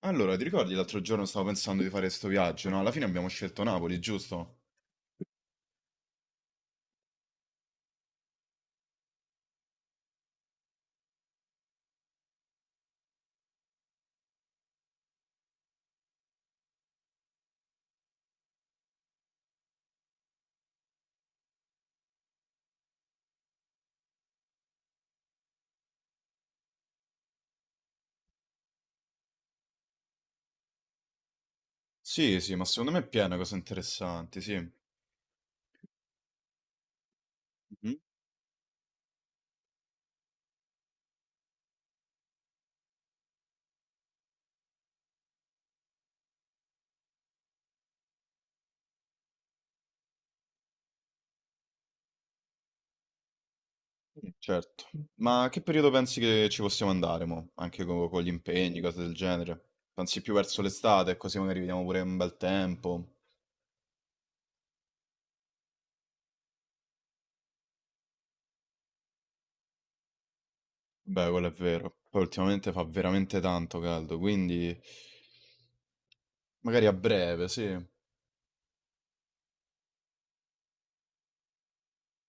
Allora, ti ricordi, l'altro giorno stavo pensando di fare questo viaggio, no? Alla fine abbiamo scelto Napoli, giusto? Sì, ma secondo me è piena cose interessanti, sì. Mhm. Certo. Ma che periodo pensi che ci possiamo andare, mo? Anche con, gli impegni, cose del genere? Pensi più verso l'estate, così magari vediamo pure un bel tempo. Beh, quello è vero. Poi ultimamente fa veramente tanto caldo, quindi magari a breve, sì.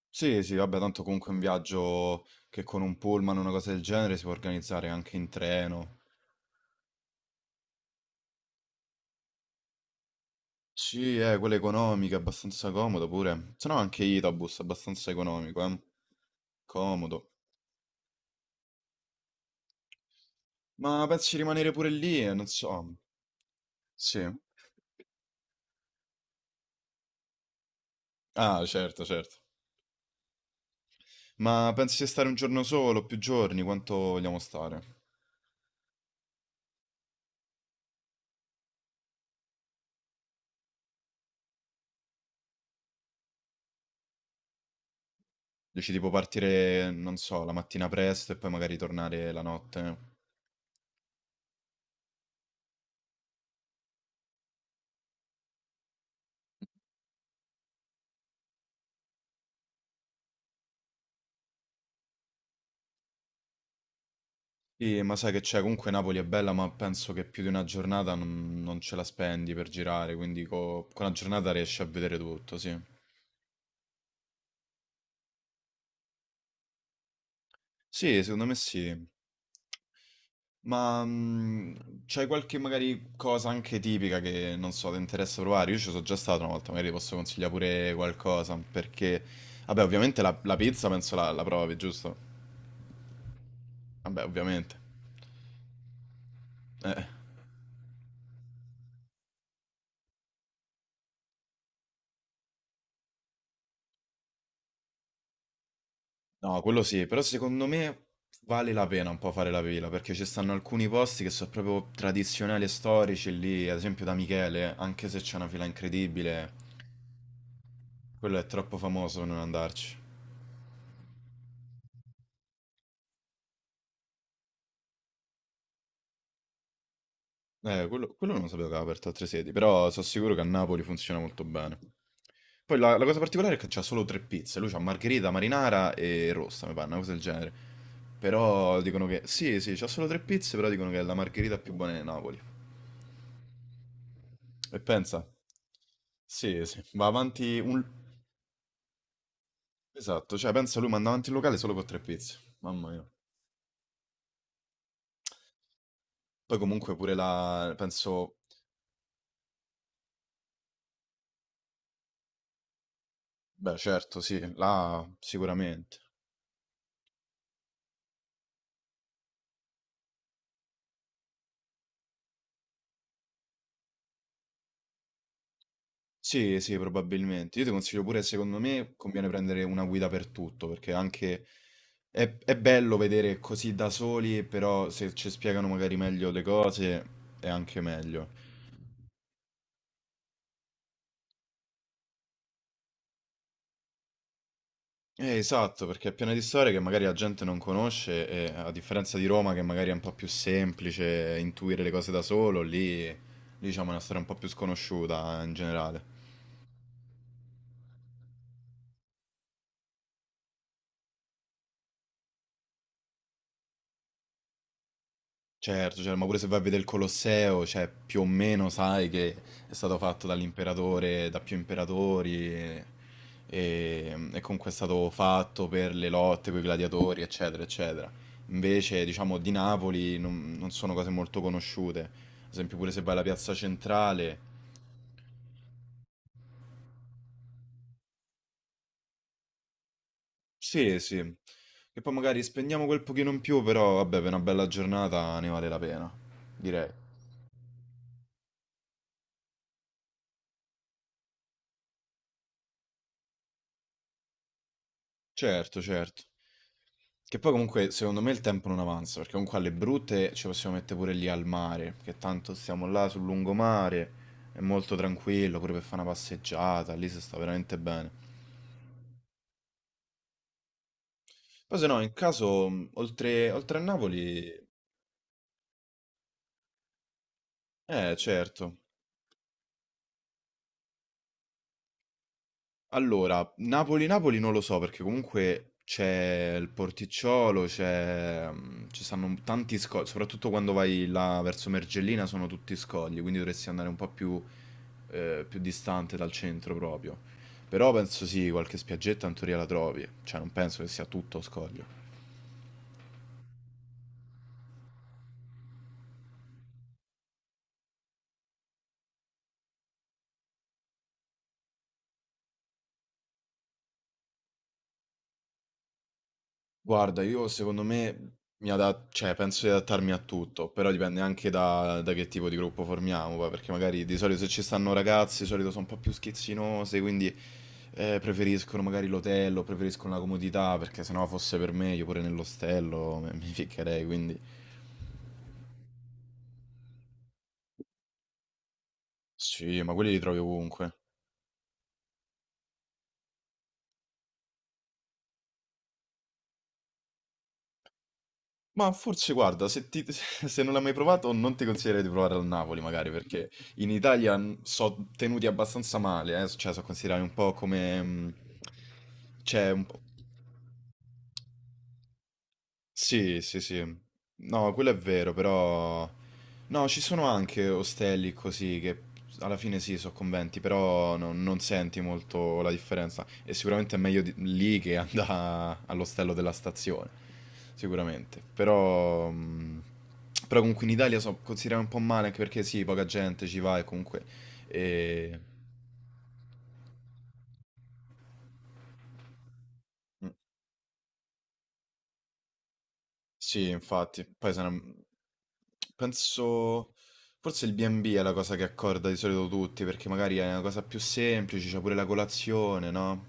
Sì, vabbè, tanto comunque un viaggio che con un pullman o una cosa del genere si può organizzare anche in treno. Sì, quella economica, abbastanza comodo pure. Se no anche Itabus, abbastanza economico, Comodo. Ma pensi di rimanere pure lì? Non so. Sì. Ah, certo, certo. Ma pensi di stare un giorno solo, più giorni? Quanto vogliamo stare? Dici tipo partire, non so, la mattina presto e poi magari tornare la notte. Sì, ma sai che c'è, comunque Napoli è bella, ma penso che più di una giornata non ce la spendi per girare, quindi con una giornata riesci a vedere tutto, sì. Sì, secondo me sì. Ma c'hai qualche magari cosa anche tipica che non so, ti interessa provare? Io ci sono già stato una volta, magari ti posso consigliare pure qualcosa, perché vabbè, ovviamente la pizza penso la provi, giusto? Vabbè, ovviamente. Eh. No, quello sì, però secondo me vale la pena un po' fare la pila, perché ci stanno alcuni posti che sono proprio tradizionali e storici lì, ad esempio da Michele, anche se c'è una fila incredibile, quello è troppo famoso per non andarci. Quello non sapevo che aveva aperto altre sedi, però sono sicuro che a Napoli funziona molto bene. Poi la cosa particolare è che c'ha solo tre pizze, lui c'ha margherita, marinara e rossa, mi pare, una cosa del genere. Però dicono che, sì, c'ha solo tre pizze, però dicono che è la margherita più buona di Napoli. E pensa, sì, va avanti un... Esatto, cioè pensa lui manda avanti il locale solo con tre pizze, mamma mia. Poi comunque pure la... penso, beh certo, sì, là sicuramente. Sì, sì, probabilmente. Io ti consiglio pure, secondo me, conviene prendere una guida per tutto, perché anche... È bello vedere così da soli, però se ci spiegano magari meglio le cose è anche meglio. Esatto, perché è piena di storie che magari la gente non conosce e a differenza di Roma che magari è un po' più semplice intuire le cose da solo, lì diciamo è una storia un po' più sconosciuta in generale. Certo, cioè, ma pure se vai a vedere il Colosseo, cioè, più o meno sai che è stato fatto dall'imperatore, da più imperatori, e, e comunque è stato fatto per le lotte, con i gladiatori, eccetera, eccetera. Invece, diciamo, di Napoli non sono cose molto conosciute. Ad esempio, pure se vai alla piazza centrale, sì, sì, che poi magari spendiamo quel pochino in più, però vabbè, per una bella giornata ne vale la pena, direi. Certo, certo. Che poi comunque secondo me il tempo non avanza, perché comunque alle brutte ci possiamo mettere pure lì al mare, che tanto stiamo là sul lungomare, è molto tranquillo, pure per fare una passeggiata, lì si sta veramente bene. Poi se no, in caso, oltre a Napoli, eh certo. Allora, Napoli-Napoli non lo so perché comunque c'è il Porticciolo, c'è, ci stanno tanti scogli, soprattutto quando vai là verso Mergellina sono tutti scogli, quindi dovresti andare un po' più, più distante dal centro proprio. Però penso sì, qualche spiaggetta in teoria la trovi, cioè non penso che sia tutto scoglio. Guarda, io secondo me mi ada cioè penso di adattarmi a tutto, però dipende anche da che tipo di gruppo formiamo, poi, perché magari di solito se ci stanno ragazzi, di solito sono un po' più schizzinose, quindi preferiscono magari l'hotel, preferiscono la comodità, perché se no fosse per me, io pure nell'ostello mi ficcherei, quindi sì, ma quelli li trovi ovunque. Ma forse guarda, se, se non l'hai mai provato, non ti consiglierei di provare al Napoli, magari, perché in Italia sono tenuti abbastanza male, cioè sono considerati un po' come... cioè, un po'. Sì, sì, sì. No, quello è vero, però... No, ci sono anche ostelli così che alla fine sì, sono conventi, però non senti molto la differenza. E sicuramente è meglio lì che andare all'ostello della stazione, sicuramente. Però... però comunque in Italia so considerare un po' male, anche perché sì, poca gente ci va e comunque... E... Sì, infatti, poi se ne- penso forse il B&B è la cosa che accorda di solito tutti, perché magari è una cosa più semplice, c'è pure la colazione, no?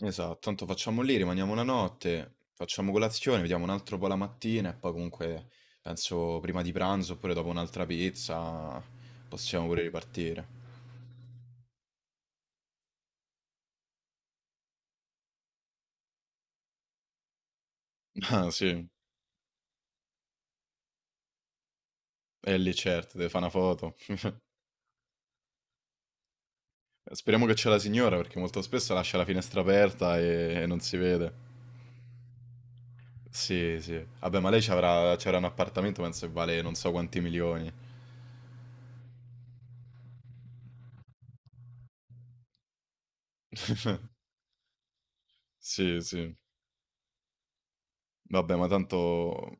Esatto, tanto facciamo lì, rimaniamo una notte, facciamo colazione, vediamo un altro po' la mattina e poi comunque penso prima di pranzo oppure dopo un'altra pizza possiamo pure ripartire. Ah sì, è lì certo, deve fare una foto. Speriamo che c'è la signora perché molto spesso lascia la finestra aperta e non si vede. Sì, sì. Vabbè, ma lei ci avrà, c'era un appartamento, penso che vale non so quanti milioni. Sì, sì. Vabbè, ma tanto...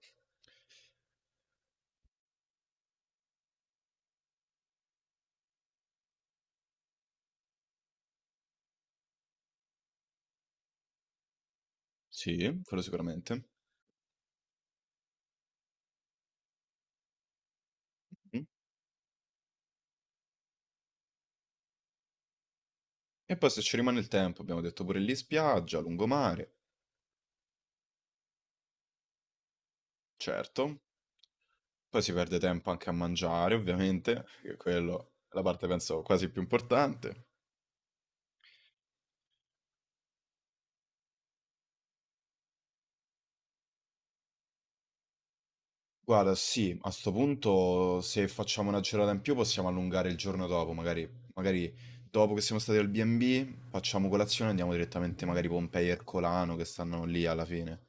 Sì, quello sicuramente. Mm. E poi se ci rimane il tempo, abbiamo detto pure lì spiaggia, lungomare, certo. Poi si perde tempo anche a mangiare, ovviamente, che quello è la parte penso quasi più importante. Guarda, sì, a sto punto se facciamo una giornata in più possiamo allungare il giorno dopo, magari, magari dopo che siamo stati al B&B facciamo colazione e andiamo direttamente magari Pompei e Ercolano che stanno lì alla fine.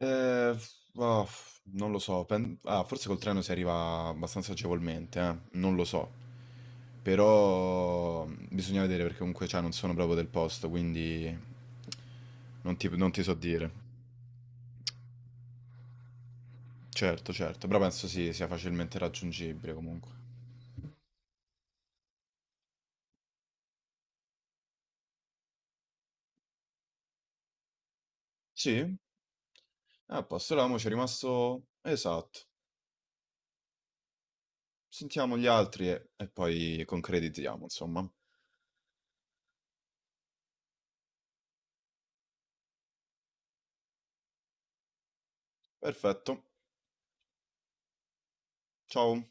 Eh, ah, non lo so, ah, forse col treno si arriva abbastanza agevolmente, non lo so, però bisogna vedere perché comunque cioè, non sono proprio del posto, quindi non ti so dire. Certo, certo, però penso sì, sia facilmente raggiungibile comunque. Sì? A posto, l'amo ci è rimasto... Esatto. Sentiamo gli altri e poi concretizziamo, insomma. Perfetto. Ciao.